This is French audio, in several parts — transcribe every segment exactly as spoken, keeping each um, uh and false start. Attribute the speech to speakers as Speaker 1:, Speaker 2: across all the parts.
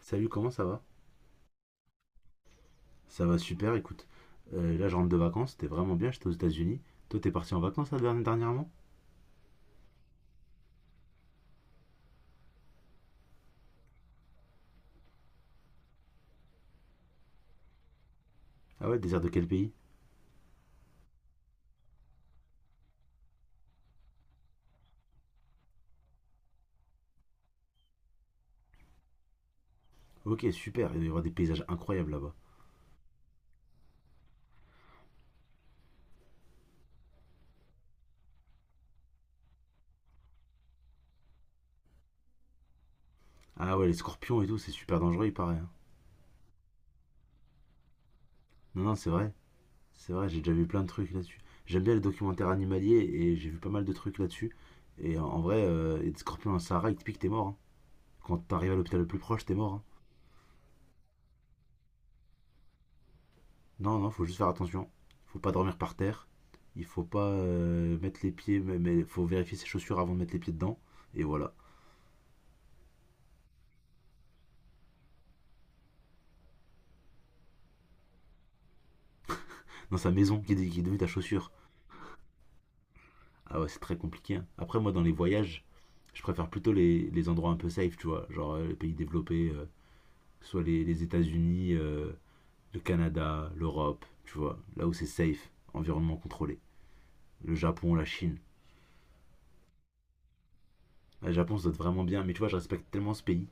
Speaker 1: Salut, comment ça va? Ça va super, écoute. Euh, là, je rentre de vacances, c'était vraiment bien, j'étais aux États-Unis. Toi, t'es parti en vacances là, derni- dernièrement? Ah ouais, désert de quel pays? Ok, super, il doit y avoir des paysages incroyables là-bas. Ah ouais, les scorpions et tout, c'est super dangereux, il paraît, hein. Non, non, c'est vrai, c'est vrai, j'ai déjà vu plein de trucs là-dessus. J'aime bien les documentaires animaliers et j'ai vu pas mal de trucs là-dessus. Et en en vrai, euh, et des scorpions dans le Sahara, ils te piquent, t'es mort, hein. Quand t'arrives à l'hôpital le plus proche, t'es mort, hein. Non, non, faut juste faire attention. Faut pas dormir par terre. Il faut pas euh, mettre les pieds, mais mais faut vérifier ses chaussures avant de mettre les pieds dedans. Et voilà. Dans sa maison, qui est, qui est devenue ta chaussure. Ah ouais, c'est très compliqué, hein. Après, moi, dans les voyages, je préfère plutôt les, les endroits un peu safe, tu vois. Genre euh, les pays développés, euh, soit les, les États-Unis, euh, le Canada, l'Europe, tu vois. Là où c'est safe, environnement contrôlé. Le Japon, la Chine. Le Japon, ça doit être vraiment bien. Mais tu vois, je respecte tellement ce pays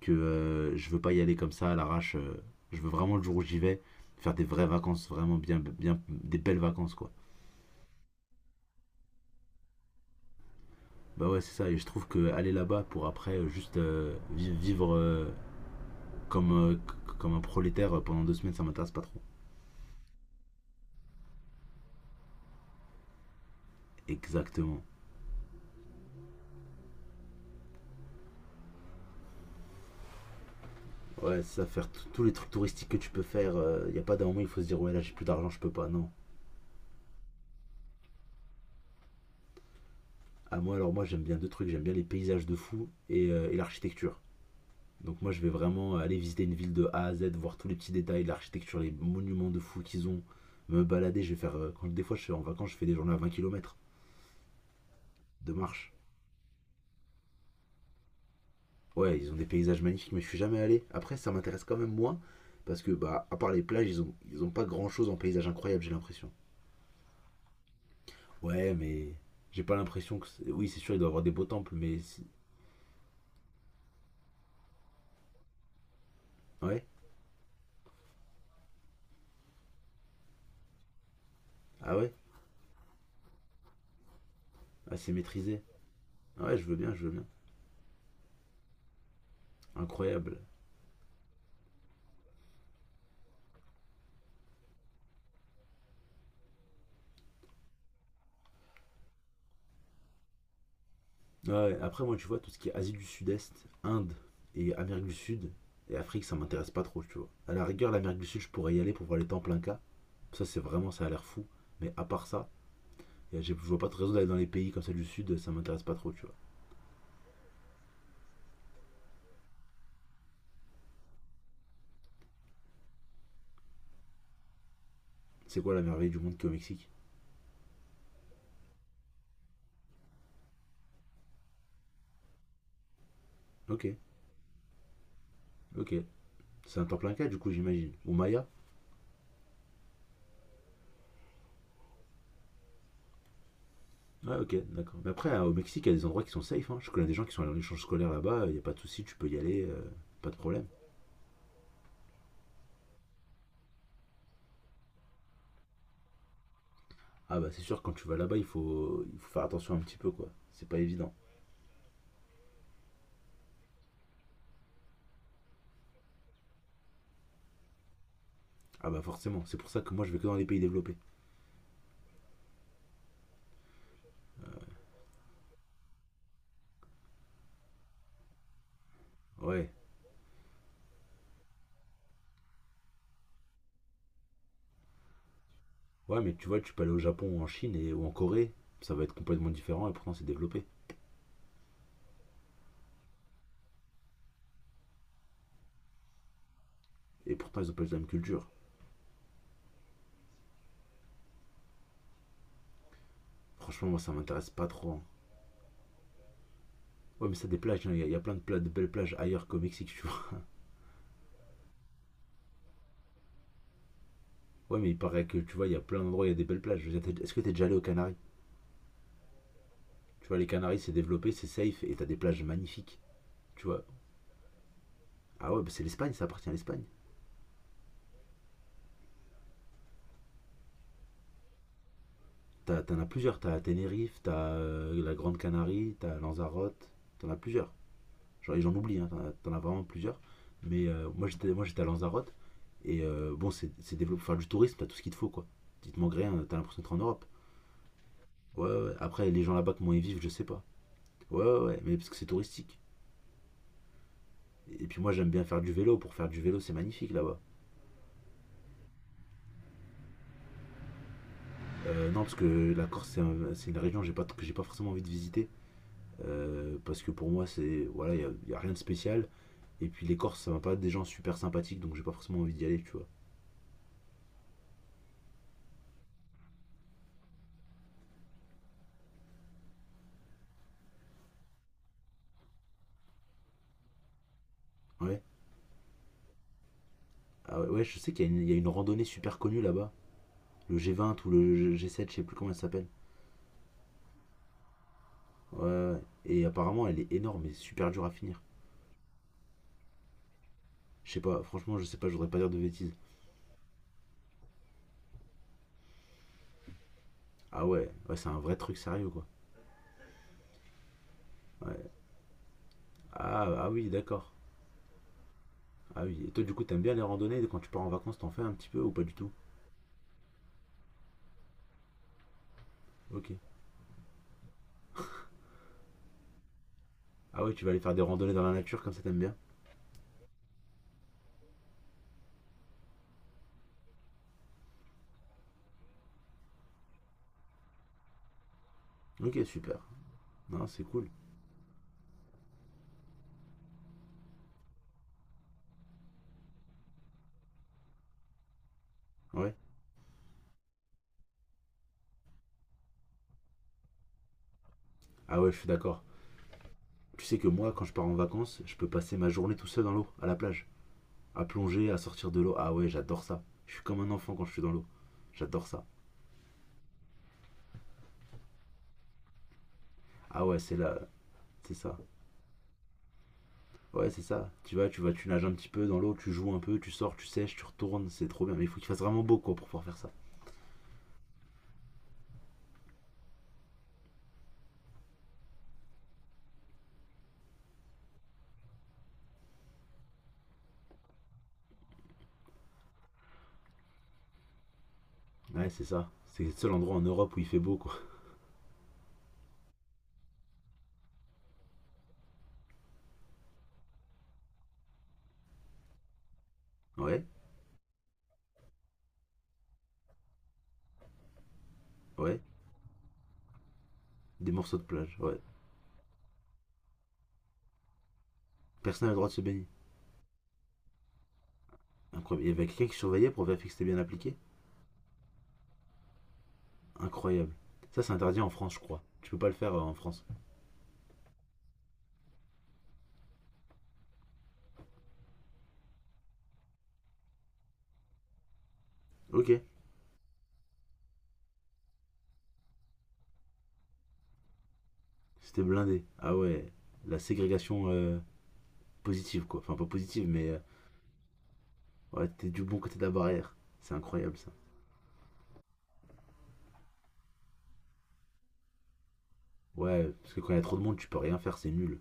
Speaker 1: que euh, je veux pas y aller comme ça à l'arrache. euh, je veux vraiment le jour où j'y vais faire des vraies vacances, vraiment bien, bien des belles vacances quoi. Bah ouais, c'est ça. Et je trouve que aller là-bas pour après euh, juste euh, vi- vivre euh, comme euh, comme un prolétaire euh, pendant deux semaines, ça m'intéresse pas trop. Exactement. Ouais, c'est ça, faire tous les trucs touristiques que tu peux faire. Il y a pas d'un moment il faut se dire ouais là j'ai plus d'argent, je peux pas. Non. À moi, alors moi j'aime bien deux trucs. J'aime bien les paysages de fou et, euh, et l'architecture. Donc moi je vais vraiment aller visiter une ville de A à Z, voir tous les petits détails, l'architecture, les monuments de fous qu'ils ont, me balader, je vais faire... euh, Quand, des fois je suis en vacances, je fais des journées à vingt kilomètres de marche. Ouais, ils ont des paysages magnifiques, mais je suis jamais allé. Après ça m'intéresse quand même moins, parce que bah à part les plages, ils ont, ils ont pas grand-chose en paysage incroyable, j'ai l'impression. Ouais, mais j'ai pas l'impression que... Oui, c'est sûr, il doit y avoir des beaux temples, mais si- ouais, ah ouais, assez maîtrisé. Ah ouais, je veux bien, je veux bien. Incroyable. Ouais, après, moi, tu vois, tout ce qui est Asie du Sud-Est, Inde et Amérique du Sud et Afrique, ça m'intéresse pas trop, tu vois. À la rigueur, l'Amérique du Sud, je pourrais y aller pour voir les temples Inca. Ça, c'est vraiment, ça a l'air fou. Mais à part ça, y a- j'ai- je vois pas de raison d'aller dans les pays comme ça du Sud, ça m'intéresse pas trop, tu vois. C'est quoi la merveille du monde qu'au Mexique? Ok, ok. C'est un temple Inca, du coup, j'imagine. Ou Maya? Ouais, ok, d'accord. Mais après, hein, au Mexique, il y a des endroits qui sont safe, hein. Je connais des gens qui sont allés en échange scolaire là-bas, il n'y a pas de souci, tu peux y aller, euh, pas de problème. Ah bah c'est sûr, quand tu vas là-bas, il faut, il faut faire attention un petit peu, quoi. C'est pas évident. Ah bah forcément, c'est pour ça que moi je vais que dans les pays développés. Ouais, ouais, mais tu vois, tu peux aller au Japon ou en Chine et, ou en Corée, ça va être complètement différent et pourtant c'est développé. Et pourtant ils ont pas la même culture. Franchement, moi ça m'intéresse pas trop, hein. Ouais, mais ça, des plages, hein, il y, a- y a plein de, pla- de belles plages ailleurs qu'au Mexique, tu vois. Ouais, mais il paraît que tu vois, il y a plein d'endroits où il y a des belles plages. Est-ce que t'es déjà allé aux Canaries? Tu vois, les Canaries c'est développé, c'est safe et t'as des plages magnifiques, tu vois. Ah ouais, bah c'est l'Espagne, ça appartient à l'Espagne. T'as- T'en as as plusieurs, t'as Tenerife, t'as euh, la Grande Canarie, t'as Lanzarote, t'en as plusieurs. Genre, j'en oublie, hein, t'en- as vraiment plusieurs. Mais euh, moi, j'étais, moi, j'étais à Lanzarote. Et euh, bon, c'est c'est développé pour faire du tourisme, t'as tout ce qu'il te faut, quoi. Il te manque rien, t'as l'impression d'être en Europe. Ouais, ouais, ouais. Après, les gens là-bas, comment ils vivent, je sais pas. Ouais, ouais, ouais, mais parce que c'est touristique. Et puis moi, j'aime bien faire du vélo. Pour faire du vélo, c'est magnifique là-bas. Euh, non, parce que la Corse, c'est un- c'est une région que j'ai pas, que j'ai pas forcément envie de visiter. Euh, parce que pour moi, c'est. Voilà, il n'y a, a rien de spécial. Et puis les Corses, ça va pas être des gens super sympathiques, donc j'ai pas forcément envie d'y aller, tu vois. Ouais. Ah ouais, ouais, je sais qu'il y, y a une randonnée super connue là-bas. Le g vingt ou le g sept je sais plus comment elle s'appelle. Ouais, ouais, ouais. Et apparemment elle est énorme et super dure à finir. Je sais pas, franchement, je sais pas, je voudrais pas dire de bêtises. Ah ouais, ouais c'est un vrai truc sérieux quoi. Ouais. Ah, ah oui, d'accord. Ah oui, et toi du coup, t'aimes bien les randonnées quand tu pars en vacances, t'en fais un petit peu ou pas du tout? Ok. Ah ouais, tu vas aller faire des randonnées dans la nature comme ça, t'aimes bien? Ok, super. Non, c'est cool. Ouais. Ah ouais, je suis d'accord. Tu sais que moi, quand je pars en vacances, je peux passer ma journée tout seul dans l'eau, à la plage. À plonger, à sortir de l'eau. Ah ouais, j'adore ça. Je suis comme un enfant quand je suis dans l'eau. J'adore ça. Ah ouais, c'est là, c'est ça. Ouais, c'est ça. Tu vas, tu vas, tu nages un petit peu dans l'eau, tu joues un peu, tu sors, tu sèches, tu retournes, c'est trop bien. Mais il faut qu'il fasse vraiment beau quoi pour pouvoir faire ça. Ouais, c'est ça. C'est le seul endroit en Europe où il fait beau quoi. Ouais, ouais. Des morceaux de plage, ouais. Personne n'a le droit de se baigner. Incroyable. Il y avait quelqu'un qui surveillait pour vérifier que c'était bien appliqué. Incroyable. Ça, c'est interdit en France, je crois. Tu peux pas le faire euh, en France. Ok. C'était blindé. Ah ouais. La ségrégation euh, positive quoi. Enfin, pas positive, mais euh, ouais, t'es du bon côté de la barrière. C'est incroyable ça. Ouais, parce que quand il y a trop de monde, tu peux rien faire, c'est nul.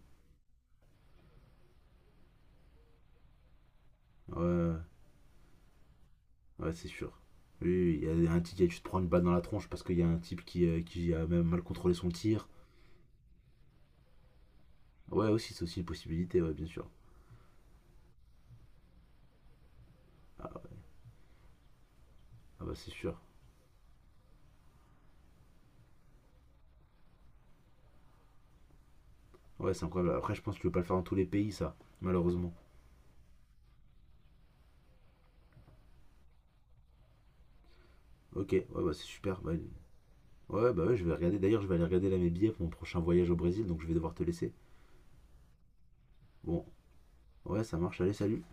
Speaker 1: Ouais, ouais, c'est sûr. Oui, oui, il y a un type qui a tu te prends une balle dans la tronche parce qu'il y a un type qui, euh, qui a même mal contrôlé son tir. Ouais, aussi, c'est aussi une possibilité, ouais, bien sûr. Ah, ouais, ah bah, c'est sûr. Ouais, c'est incroyable. Après, je pense que tu peux pas le faire dans tous les pays, ça, malheureusement. Ok, ouais, bah, c'est super. Bah, ouais, bah, ouais, je vais regarder. D'ailleurs, je vais aller regarder là mes billets pour mon prochain voyage au Brésil, donc je vais devoir te laisser. Bon, ouais, ça marche. Allez, salut.